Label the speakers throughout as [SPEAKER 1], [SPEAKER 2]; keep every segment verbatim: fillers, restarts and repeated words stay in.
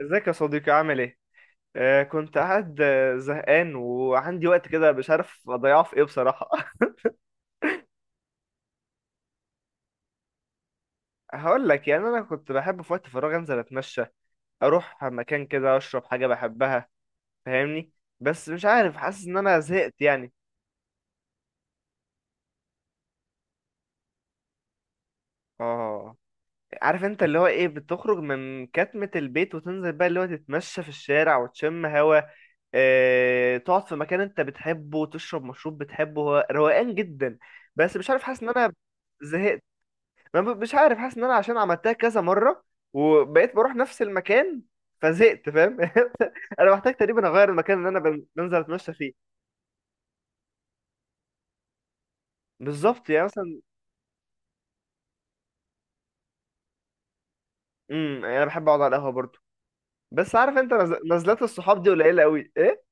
[SPEAKER 1] ازيك يا صديقي عامل ايه؟ آه كنت قاعد آه، زهقان وعندي وقت كده مش عارف اضيعه في ايه بصراحة. هقول لك، يعني انا كنت بحب في وقت فراغي انزل اتمشى، اروح مكان كده اشرب حاجة بحبها. فاهمني؟ بس مش عارف، حاسس ان انا زهقت يعني. اه، عارف انت اللي هو ايه، بتخرج من كتمة البيت وتنزل بقى اللي هو تتمشى في الشارع وتشم هوا. اه، تقعد في مكان انت بتحبه وتشرب مشروب بتحبه، هو روقان جدا. بس مش عارف حاسس ان انا زهقت. ما ب- مش عارف حاسس ان انا عشان عملتها كذا مره وبقيت بروح نفس المكان فزهقت. فاهم؟ انا محتاج تقريبا اغير المكان اللي انا بن- بنزل اتمشى فيه. بالظبط، يعني مثلا. امم يعني انا بحب اقعد على القهوه برضه. بس عارف انت، نز- نزلات الصحاب دي قليله قوي ايه.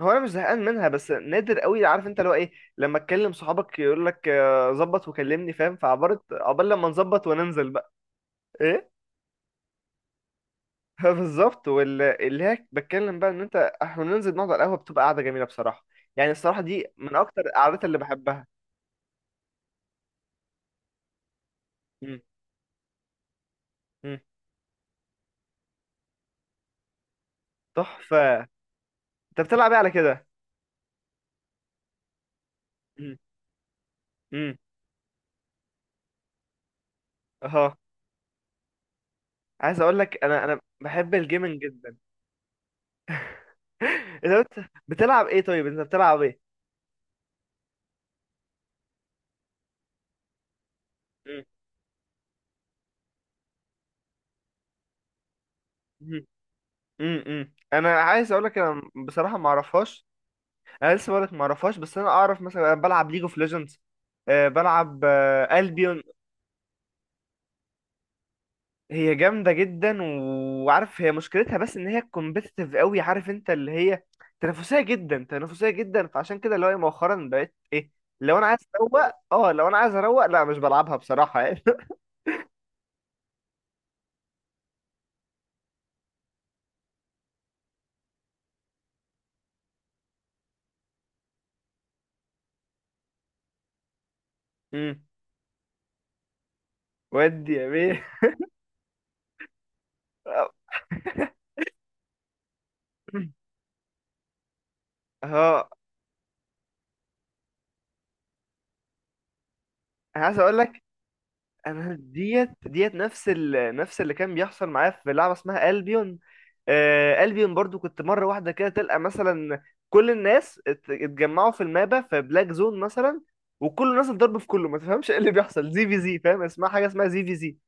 [SPEAKER 1] هو انا مش زهقان منها بس نادر قوي. عارف انت؟ لو ايه لما اتكلم صحابك يقول لك آه، ظبط وكلمني. فاهم؟ فعبرت عقبال لما نظبط وننزل بقى. ايه. بالظبط، واللي هي بتكلم بقى ان انت احنا بننزل نقعد على القهوه بتبقى قاعده جميله بصراحه. يعني الصراحه دي من اكتر القعدات اللي بحبها. مم. مم. تحفه. انت بتلعب ايه على كده؟ مم. مم. اها. عايز اقول لك انا انا بحب الجيمنج جدا. انت بت- بتلعب ايه؟ طيب انت بتلعب ايه؟ مم. مم. مم. مم. انا عايز اقول لك انا بصراحه ما اعرفهاش. انا لسه بقول لك ما اعرفهاش، بس انا اعرف مثلا انا بلعب ليج اوف ليجندز. بلعب البيون. هي جامدة جدا، وعارف هي مشكلتها بس ان هي كومبيتيتيف قوي. عارف انت اللي هي تنافسية جدا تنافسية جدا؟ فعشان كده اللي هو إيه مؤخرا بقيت ايه، لو انا عايز اروق. اه لو انا عايز اروق لا مش بلعبها بصراحة يعني. امم. ودي يا بيه. اه. انا عايز اقول لك انا ديت ديت نفس ال... نفس اللي كان بيحصل معايا في لعبه اسمها البيون. آه البيون برضو كنت مره واحده كده تلقى مثلا كل الناس ات- اتجمعوا في المابا في بلاك زون مثلا، وكل الناس اتضرب في كله ما تفهمش ايه اللي بيحصل زي في زي. فاهم؟ اسمها حاجه اسمها زي في زي.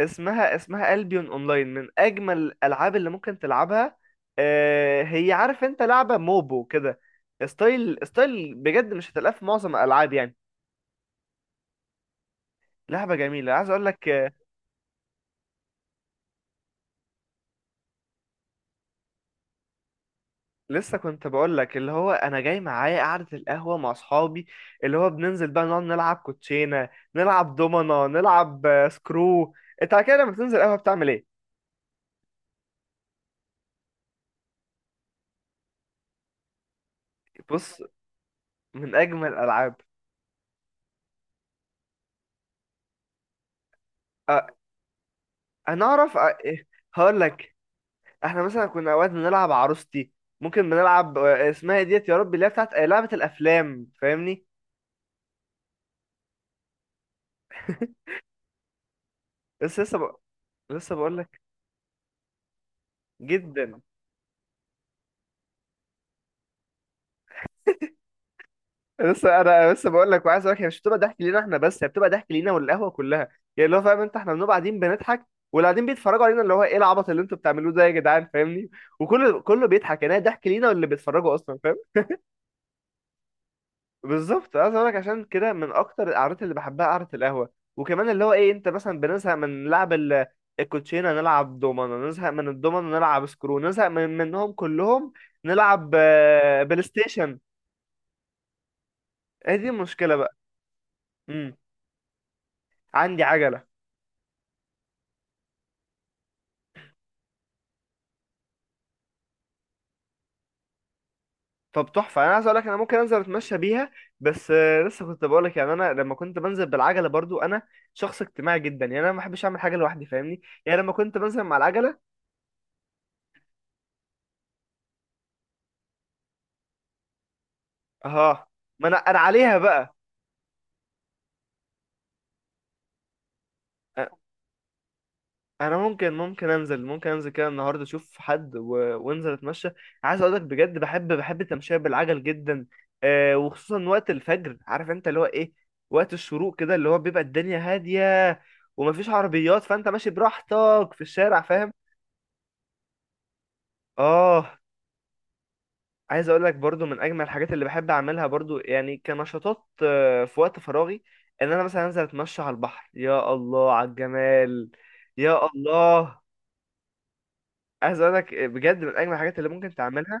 [SPEAKER 1] اسمها اسمها البيون اونلاين، من اجمل الالعاب اللي ممكن تلعبها. آه هي عارف انت لعبه موبو كده، ستايل ستايل بجد مش هتلاقيه في معظم الالعاب يعني. لعبه جميله عايز اقول لك. لسه كنت بقول لك اللي هو انا جاي معايا قعده القهوه مع اصحابي. اللي هو بننزل بقى نقعد نلعب كوتشينه نلعب دومنا نلعب آه، سكرو. انت على كده لما بتنزل قهوه بتعمل ايه؟ بص، من اجمل الالعاب. أه انا اعرف. أه إيه، هقول لك. احنا مثلا كنا اوقات بنلعب عروستي. ممكن بنلعب آه، اسمها إيه ديت يا رب، اللي هي بتاعت آه، لعبه الافلام. فاهمني؟ بس لسه ب... لسه بقول لك جدا. بس انا بس بقول لك وعايز اقول لك، هي مش بتبقى ضحك لينا احنا بس، هي بتبقى ضحك لينا والقهوه كلها. يعني اللي هو فاهم انت احنا بنبقى قاعدين بنضحك، واللي قاعدين بيتفرجوا علينا اللي هو ايه العبط اللي انتوا بتعملوه ده يا جدعان. فاهمني؟ وكله كله بيضحك، يعني هي ضحك لينا واللي بيتفرجوا اصلا. فاهم؟ بالظبط، عايز اقول لك عشان كده من اكتر القعدات اللي بحبها قعده القهوه. وكمان اللي هو ايه، انت مثلا بنزهق من لعب ال- الكوتشينه، نلعب دومنه نزهق من الدومنه، نلعب سكرو نزهق من منهم كلهم. نلعب آه، بلاي ستيشن. هي دي المشكله بقى. امم عندي عجله. طب تحفة، أنا عايز أقول لك أنا ممكن أنزل أتمشى بيها. بس آه، لسه كنت بقول لك، يعني أنا لما كنت بنزل بالعجلة برضو أنا شخص اجتماعي جدا، يعني أنا ما بحبش أعمل حاجة لوحدي. فاهمني؟ يعني لما كنت بنزل مع العجلة أه. ما أنا أنا عليها بقى. أ- أنا ممكن ممكن أنزل ممكن أنزل كده النهاردة أشوف حد و... وأنزل أتمشى. عايز أقول لك بجد، بحب بحب التمشية بالعجل جدا. أه، وخصوصا وقت الفجر. عارف أنت اللي هو إيه، وقت الشروق كده اللي هو بيبقى الدنيا هادية ومفيش عربيات فأنت ماشي براحتك في الشارع. فاهم؟ اه عايز اقول لك برضو من اجمل الحاجات اللي بحب اعملها برضو، يعني كنشاطات آه، في وقت فراغي، ان انا مثلا انزل اتمشى على البحر. يا الله على الجمال. يا الله. عايز اقول لك آه، بجد من اجمل الحاجات اللي ممكن تعملها.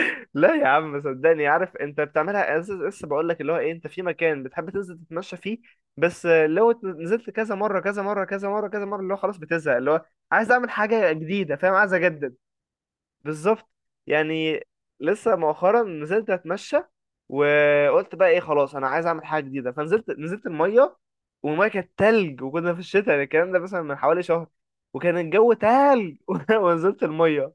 [SPEAKER 1] لا يا عم صدقني. عارف انت بتعملها، لسه لسه بقول لك اللي هو ايه، انت في مكان بتحب تنزل تتمشى فيه. بس آه، لو ت- نزلت كذا مره كذا مره كذا مره كذا مره، اللي هو خلاص بتزهق، اللي هو عايز اعمل حاجه جديده. فاهم؟ عايز اجدد. بالظبط يعني. لسه مؤخرا نزلت اتمشى وقلت بقى ايه، خلاص انا عايز اعمل حاجه جديده، فنزلت نزلت الميه. والميه كانت تلج، وكنا في الشتاء، يعني الكلام ده مثلا من حوالي شهر وكان الجو تلج. ونزلت الميه.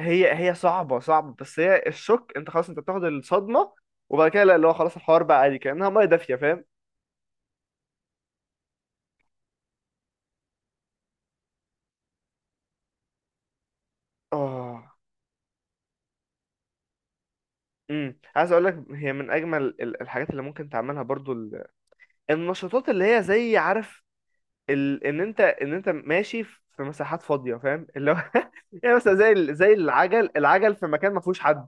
[SPEAKER 1] هي هي صعبه صعبه، بس هي الشوك، انت خلاص انت بتاخد الصدمه. وبعد كده لا، اللي هو خلاص الحوار بقى عادي كانها ميه دافيه. فاهم؟ اه. امم عايز اقول لك هي من اجمل ال- الحاجات اللي ممكن تعملها برضو، ال- النشاطات اللي هي زي عارف ال... ان انت ان انت ماشي في مساحات فاضيه. فاهم؟ اللي هو يعني مثلا زي ال... زي العجل العجل في مكان ما فيهوش حد.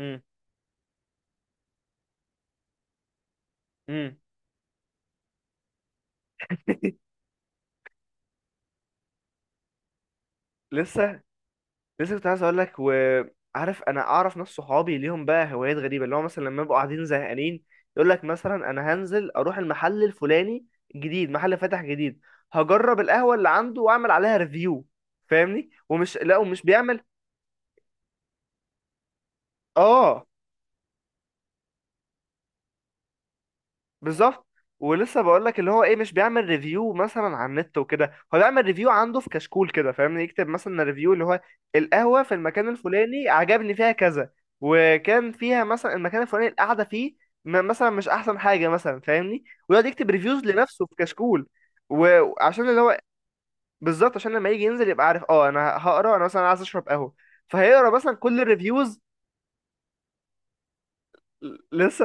[SPEAKER 1] امم، امم. لسه لسه كنت عايز اقول لك. وعارف انا اعرف ناس صحابي ليهم بقى هوايات غريبه، اللي هو مثلا لما يبقوا قاعدين زهقانين يقول لك مثلا انا هنزل اروح المحل الفلاني، جديد محل فاتح جديد، هجرب القهوه اللي عنده واعمل عليها ريفيو. فاهمني؟ ومش لا ومش بيعمل. اه بالظبط. ولسه بقول لك اللي هو ايه، مش بيعمل ريفيو مثلا على النت وكده، هو بيعمل ريفيو عنده في كشكول كده. فاهمني؟ يكتب مثلا ريفيو اللي هو القهوة في المكان الفلاني عجبني فيها كذا، وكان فيها مثلا المكان الفلاني القعدة فيه م- مثلا مش احسن حاجة مثلا. فاهمني؟ ويقعد يكتب ريفيوز لنفسه في كشكول. وعشان اللي هو بالظبط عشان لما يجي ينزل يبقى عارف، اه انا هقرا، انا مثلا عايز اشرب قهوة، فهيقرا مثلا كل الريفيوز. لسه.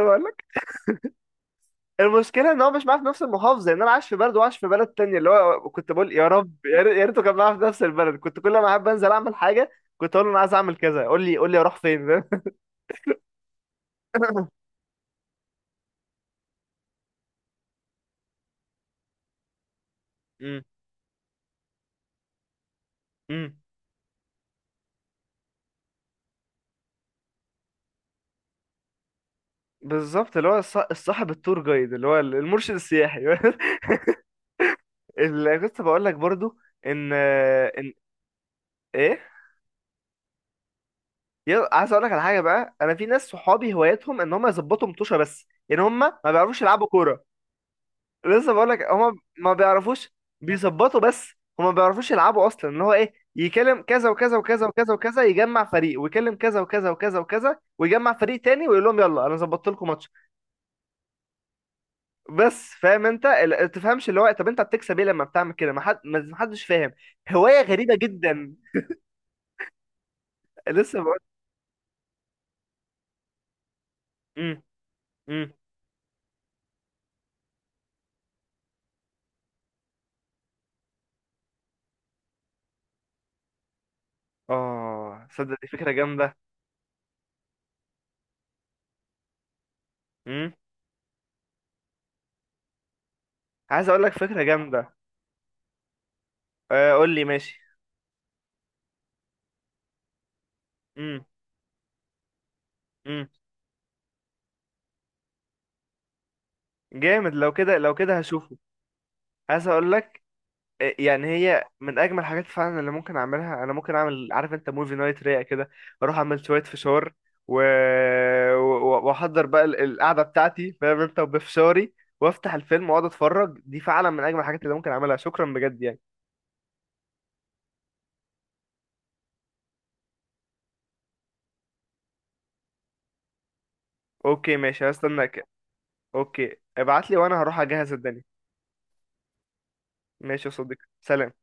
[SPEAKER 1] المشكله ان هو مش معاه في نفس المحافظه، يعني انا عايش في بلد وعايش في بلد تانية، اللي هو كنت بقول يا رب يا ريت- يا ريته كان معاه في نفس البلد، كنت كل ما احب انزل اعمل حاجه كنت اقول له انا عايز اعمل كذا قول لي قول لي اروح فين. فاهم؟ أمم، أمم. بالظبط اللي هو الص- الصاحب التور جايد، اللي هو المرشد السياحي. اللي كنت بقول لك برضو ان ان ايه. يلا عايز اقول لك على حاجه بقى، انا في ناس صحابي هوايتهم ان هم يظبطوا مطوشه بس، يعني هم ما بيعرفوش يلعبوا كوره. لسه بقول لك هما ما بيعرفوش، بيظبطوا بس، هما ما بيعرفوش يلعبوا اصلا، ان هو ايه يكلم كذا وكذا وكذا وكذا وكذا يجمع فريق ويكلم كذا وكذا وكذا وكذا ويجمع فريق تاني ويقول لهم يلا انا ظبطت لكم ماتش. بس فاهم انت ال- تفهمش اللي هو، طب انت بتكسب ايه لما بتعمل كده؟ ما حد ما حدش فاهم. هواية غريبة جدا. لسه بقول. امم، امم. اه صدق، دي فكرة جامدة. امم عايز اقول لك فكرة جامدة. آه، قول لي ماشي. امم، امم. جامد، لو كده لو كده هشوفه. عايز اقول لك، يعني هي من اجمل الحاجات فعلا اللي ممكن اعملها، انا ممكن اعمل عارف انت موفي نايت رايق كده. اروح اعمل شويه فشار و... و- واحضر بقى ال- القعده بتاعتي فاهم انت، وبفشاري وافتح الفيلم واقعد اتفرج، دي فعلا من اجمل الحاجات اللي ممكن اعملها. شكرا بجد يعني. اوكي ماشي، هستناك. اوكي ابعت لي وانا هروح اجهز الدنيا. ماشي يا صديقي، سلام.